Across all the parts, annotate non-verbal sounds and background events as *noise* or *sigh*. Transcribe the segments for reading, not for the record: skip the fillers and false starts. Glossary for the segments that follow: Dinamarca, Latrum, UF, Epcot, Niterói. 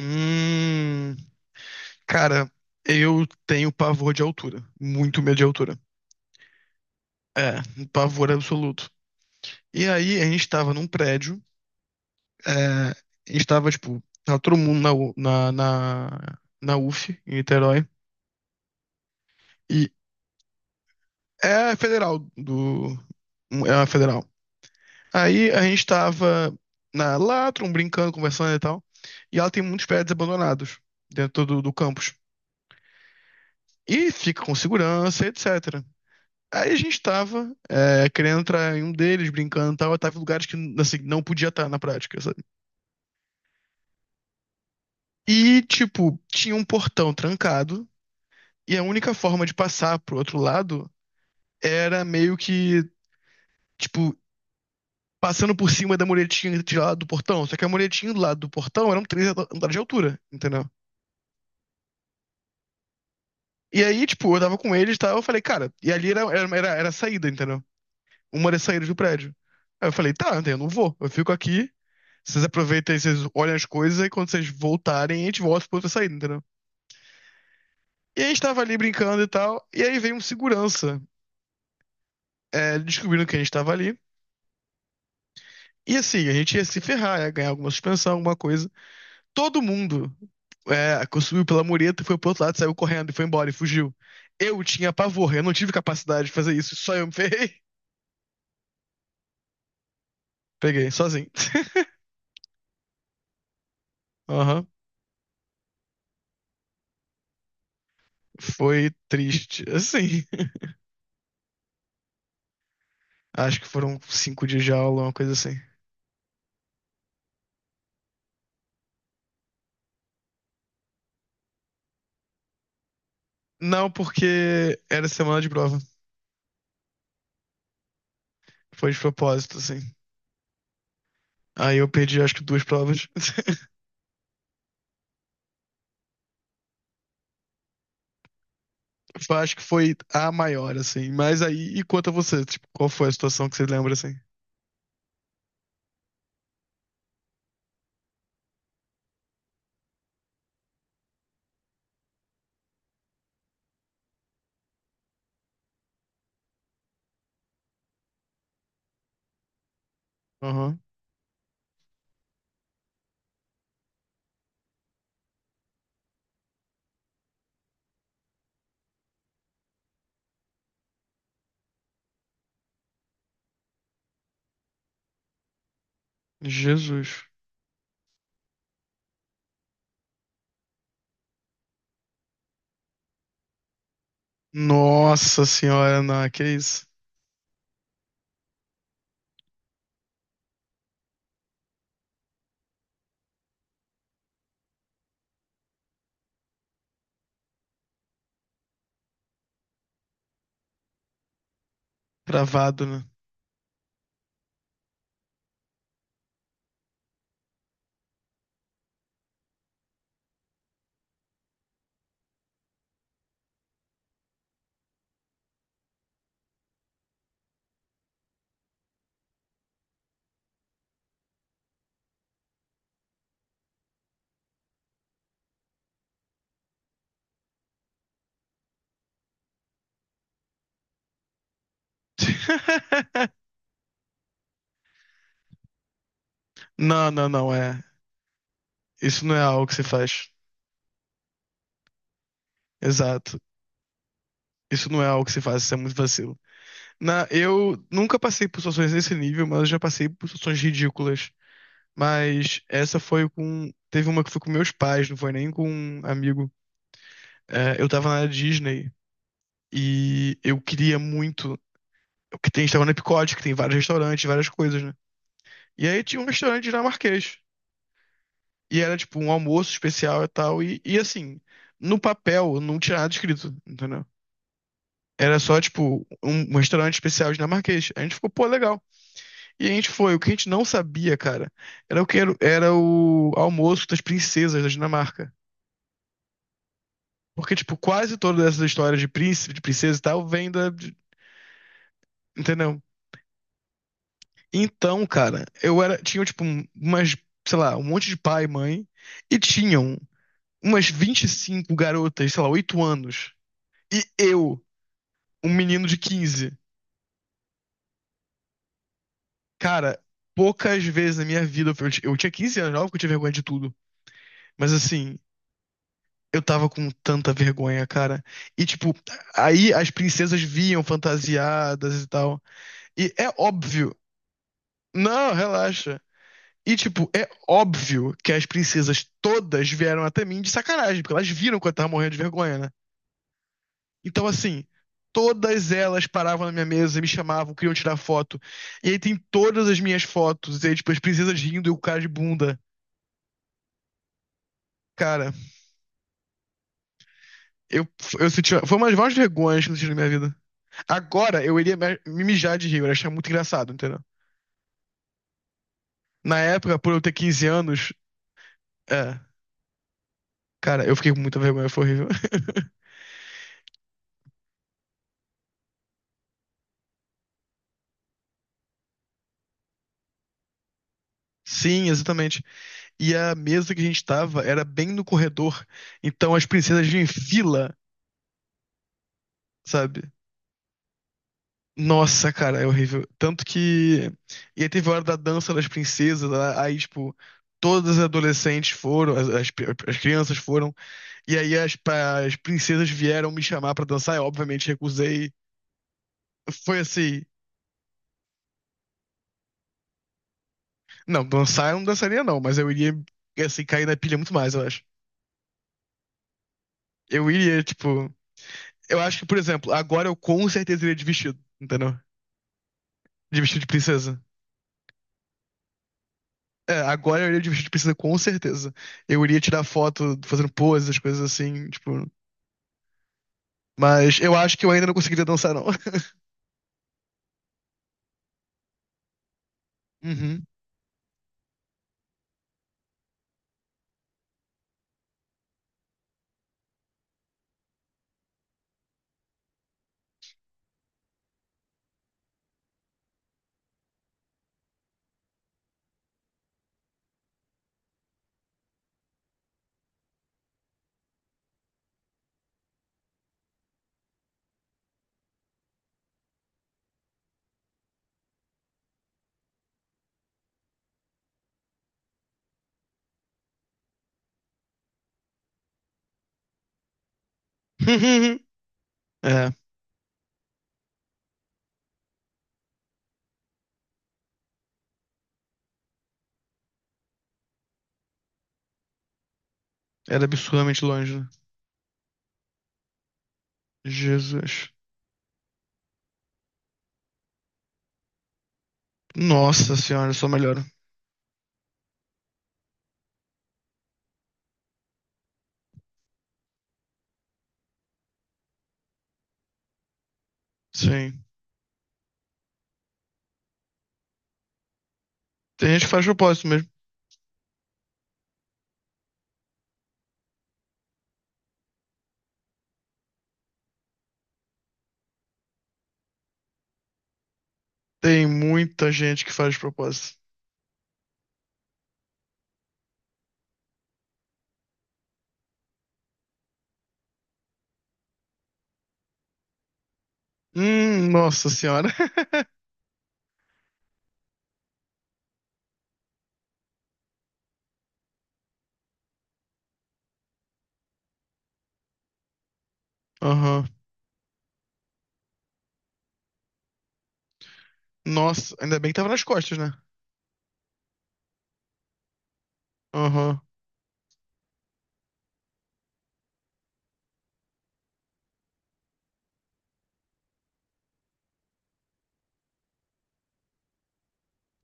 Hum, cara, eu tenho pavor de altura. Muito medo de altura. É, um pavor absoluto. E aí, a gente tava num prédio, é, a gente tava, tipo, tava todo mundo na, U- na, na UF, em Niterói, e é a federal do. É a federal. Aí a gente tava na Latrum, brincando, conversando e tal, e ela tem muitos prédios abandonados dentro do campus. E fica com segurança, etc. Aí a gente tava querendo entrar em um deles, brincando e tal. Eu tava em lugares que assim, não podia estar na prática, sabe? E, tipo, tinha um portão trancado. E a única forma de passar pro outro lado era meio que, tipo, passando por cima da muretinha de lá do portão. Só que a muretinha do lado do portão eram três andares de altura, entendeu? E aí, tipo, eu tava com eles e tal. Eu falei, cara, e ali era a saída, entendeu? Uma das saídas do prédio. Aí eu falei, tá, eu não vou. Eu fico aqui. Vocês aproveitam e vocês olham as coisas, e quando vocês voltarem, a gente volta pra outra saída, entendeu? E a gente tava ali brincando e tal, e aí veio um segurança, descobrindo que a gente tava ali. E assim, a gente ia se ferrar, ia ganhar alguma suspensão, alguma coisa. Todo mundo subiu pela mureta, foi pro outro lado, saiu correndo e foi embora e fugiu. Eu tinha pavor, eu não tive capacidade de fazer isso, só eu me ferrei. Peguei, sozinho. *laughs* Aham. Foi triste, assim. *laughs* Acho que foram cinco dias de aula, uma coisa assim. Não, porque era semana de prova. Foi de propósito, assim. Aí eu perdi, acho que duas provas. *laughs* Acho que foi a maior, assim. Mas aí, e quanto a você? Tipo, qual foi a situação que você lembra, assim? Aham. Jesus. Nossa senhora, não, que isso? Travado, né? *laughs* Não, não, não, é. Isso não é algo que se faz. Exato. Isso não é algo que se faz, isso é muito vacilo. Na, eu nunca passei por situações nesse nível, mas eu já passei por situações ridículas. Mas essa foi com. Teve uma que foi com meus pais, não foi nem com um amigo. É, eu tava na Disney e eu queria muito. Que tem, a gente estava na Epcot, que tem vários restaurantes, várias coisas, né? E aí tinha um restaurante dinamarquês. E era tipo um almoço especial e tal. E assim, no papel não tinha nada escrito, entendeu? Era só, tipo, um restaurante especial dinamarquês. A gente ficou, pô, legal. E a gente foi. O que a gente não sabia, cara, era o que era, era o almoço das princesas da Dinamarca. Porque, tipo, quase todas essas histórias de príncipe, de princesa e tal, vem da. De- entendeu? Então, cara, eu era. Tinha, tipo, um- umas, sei lá, um monte de pai e mãe. E tinham umas 25 garotas, sei lá, 8 anos. E eu, um menino de 15, cara, poucas vezes na minha vida. Eu tinha 15 anos, óbvio que eu tinha vergonha de tudo. Mas assim. Eu tava com tanta vergonha, cara. E, tipo, aí as princesas vinham fantasiadas e tal. E é óbvio. Não, relaxa. E, tipo, é óbvio que as princesas todas vieram até mim de sacanagem, porque elas viram que eu tava morrendo de vergonha, né? Então, assim, todas elas paravam na minha mesa, me chamavam, queriam tirar foto. E aí tem todas as minhas fotos, e aí, tipo, as princesas rindo e o cara de bunda. Cara, eu, eu senti. Foi uma das maiores vergonhas que eu senti na minha vida. Agora, eu iria me mijar de rir, eu ia achar muito engraçado, entendeu? Na época, por eu ter 15 anos, é. Cara, eu fiquei com muita vergonha, foi horrível. *laughs* Sim, exatamente. E a mesa que a gente tava era bem no corredor. Então as princesas vinham em fila, sabe? Nossa, cara, é horrível. Tanto que. E aí teve a hora da dança das princesas, lá, aí, tipo, todas as adolescentes foram, as crianças foram. E aí as, pa- as princesas vieram me chamar pra dançar, eu obviamente recusei. Foi assim. Não, dançar eu não dançaria, não, mas eu iria, assim, cair na pilha muito mais, eu acho. Eu iria, tipo. Eu acho que, por exemplo, agora eu com certeza iria de vestido, entendeu? De vestido de princesa. É, agora eu iria de vestido de princesa com certeza. Eu iria tirar foto fazendo poses, coisas assim, tipo. Mas eu acho que eu ainda não conseguiria dançar, não. *laughs* Uhum. *laughs* É, era absurdamente longe, né? Jesus. Nossa senhora, só melhora. Sim. Tem gente que faz de propósito mesmo. Tem muita gente que faz de propósito. Nossa senhora. *laughs* Aham. Nossa, ainda bem que tava nas costas, né? Aham.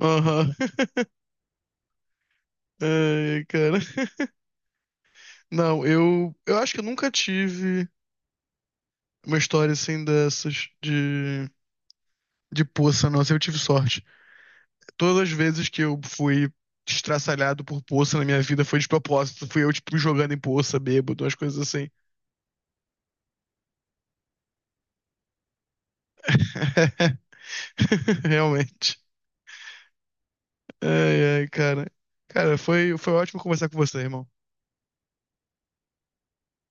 Aham. *laughs* Ai, cara. Não, eu acho que eu nunca tive uma história assim dessas de poça, não. Assim, eu tive sorte. Todas as vezes que eu fui estraçalhado por poça na minha vida foi de propósito. Fui eu, tipo, jogando em poça, bêbado, umas coisas assim. *laughs* Realmente. Ai, ai, cara. Cara, foi ótimo conversar com você, irmão.